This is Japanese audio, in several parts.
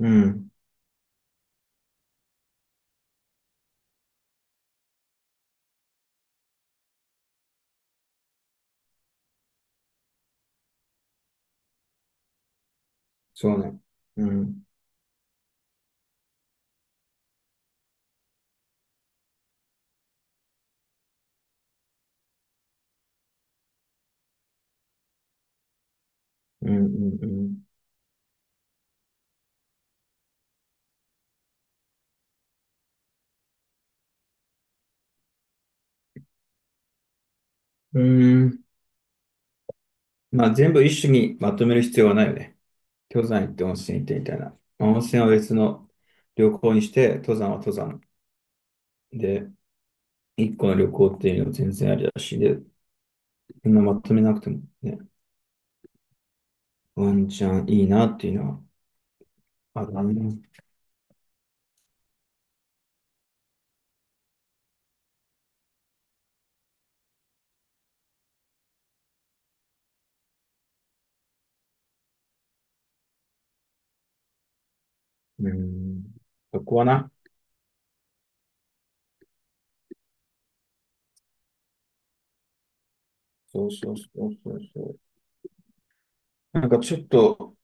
うん、そうね。うん、うん、うん、うん。うーん。まあ、全部一種にまとめる必要はないよね。登山行って温泉行ってみたいな。まあ温泉は別の旅行にして、登山は登山。で、一個の旅行っていうのは全然ありだし、で、そんなまとめなくてもね、ワンチャンいいなっていうのはあるな。うん。そこはな。そうそうそうそうそう。なんかちょっと、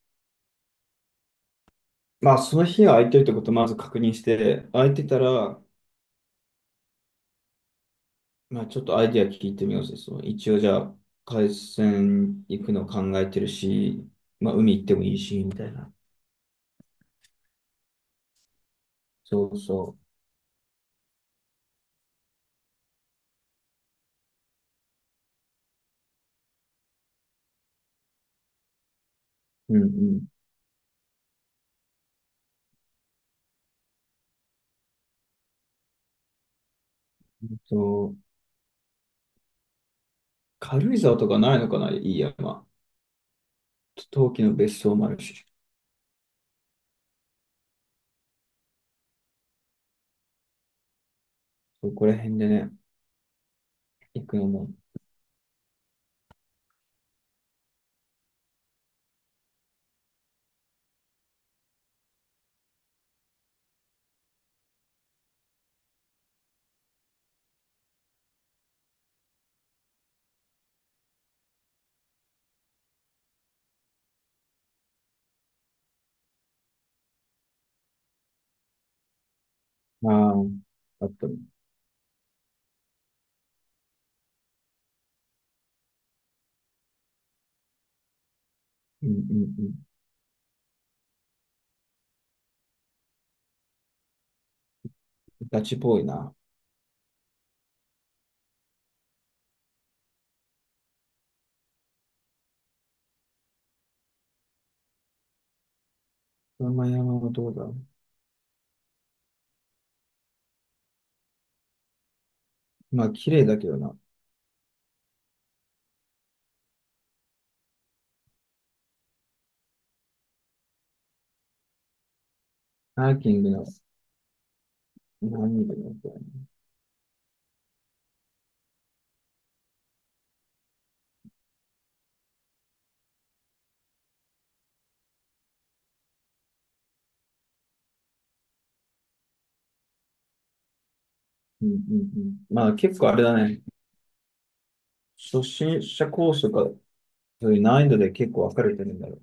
まあ、その日は空いてるってことをまず確認して、空いてたら、まあ、ちょっとアイディア聞いてみようぜ。そう、一応じゃあ、海鮮行くの考えてるし、まあ、海行ってもいいし、みたいな。そうそう。うんうん。えっと、軽井沢とかないのかな、いい山。陶器の別荘もあるし、そこら辺でね、行くのも、まあ、あったり。うんうんうん。ガチっぽいな。山々はどうだろう。まあ、綺麗だけどな。ハーキングの何人かになったよね。うんうんうん。まあ、結構あれだね。初心者コースとか、そういう難易度で結構分かれてるんだろ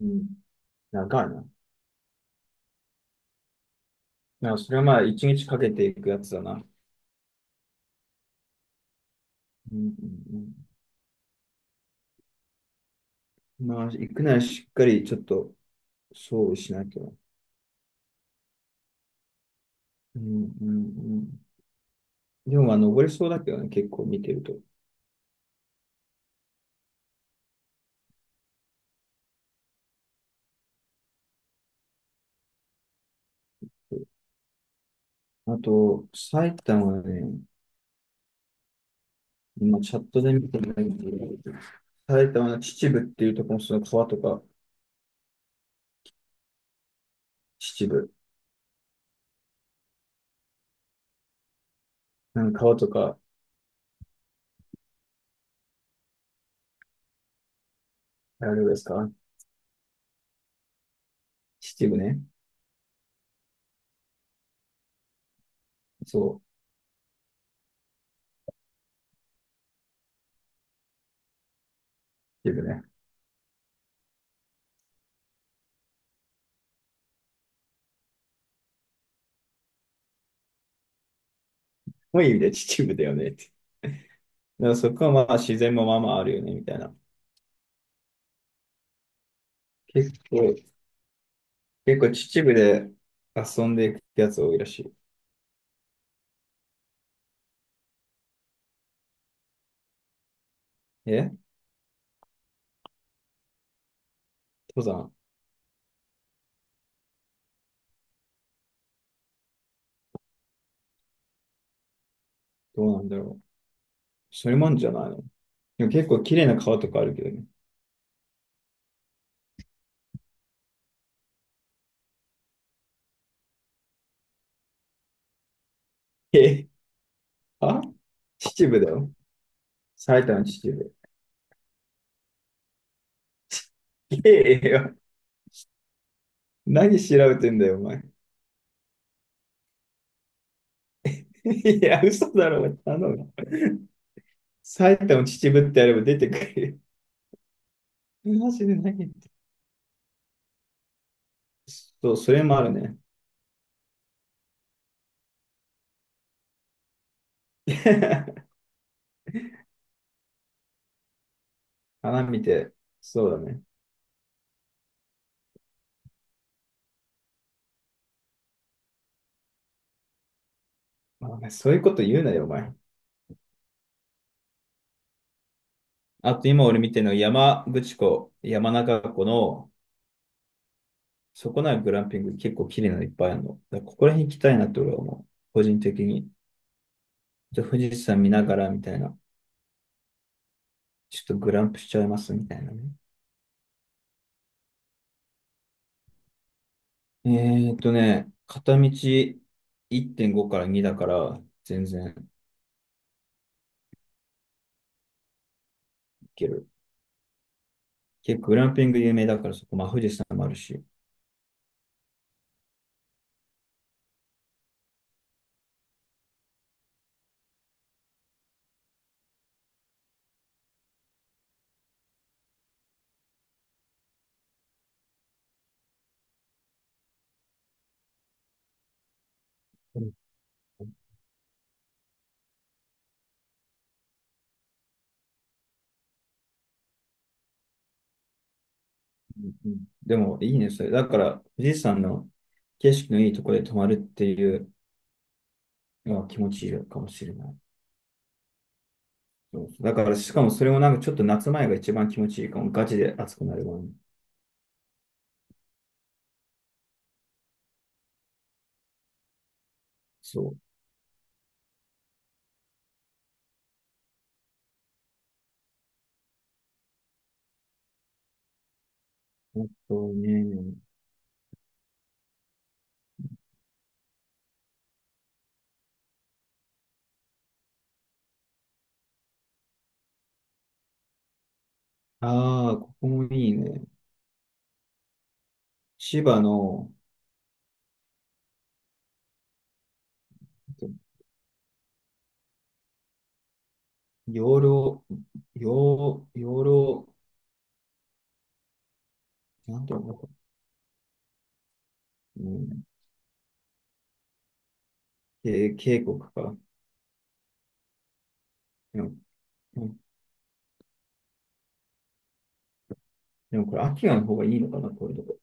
う。うん。長いな。だからそれはまあ、一日かけていくやつだな。うんうんうん、まあ、行くならしっかりちょっと、そうしなきゃ。うんうんうん、でも、まあ、登れそうだけどね、結構見てると。あと、埼玉はね、今チャットで見てないんだけど、埼玉の秩父っていうところのその川とか、秩父。なんか川とか、あれですか秩父ね。そう、秩父ね。もういい意味で秩父だよねって。でもそこはまあ自然もまあまああるよね、みたいな。結構、結構秩父で遊んでいくやつ多いらしい。え登山どうなんだろう。それもあるんじゃないのでも結構綺麗な川とかあるけどね。えあ秩父だよ。埼玉秩父。ええよ。何調べてんだよ、お前。いや、嘘だろ、頼む。埼玉秩父ってやれば出てくるよ。マジで何言って。そう、それもあるね。花見て、そうだね。まあ、そういうこと言うなよ、お前。あと今俺見てるのは山口湖、山中湖の、そこなグランピング結構綺麗なのいっぱいあるの。だからここら辺行きたいなって俺は思う。個人的に。じゃあ富士山見ながらみたいな。ちょっとグランプしちゃいますみたいなね。え片道1.5から2だから全然行ける。結構グランピング有名だからそこ、まあ富士山もあるし。うんうんうんでもいいね、それ。だから富士山の景色のいいところで泊まるっていうのは気持ちいいかもしれない。そうそうだから、しかもそれもなんかちょっと夏前が一番気持ちいいかも。ガチで暑くなるわ、ね。そう。あとね、ああ、ここもいいね。千葉の、養老、養老、なんていうのかな、うん、け渓谷か。でも、うんでもこれ、秋の方がいいのかな、こういうとこ。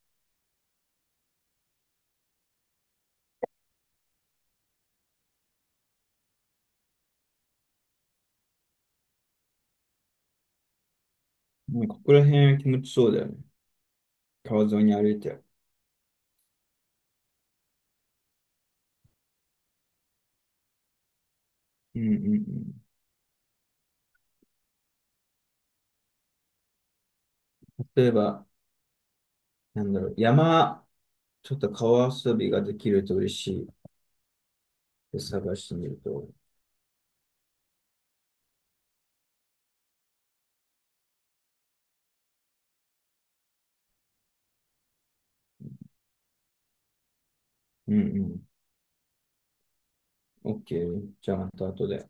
もうここら辺気持ちそうだよね。川沿いに歩いて。うんうんうん。例えば、なんだろう、山、ちょっと川遊びができると嬉しい。探してみると。うんうん。OK。じゃあ、また後で。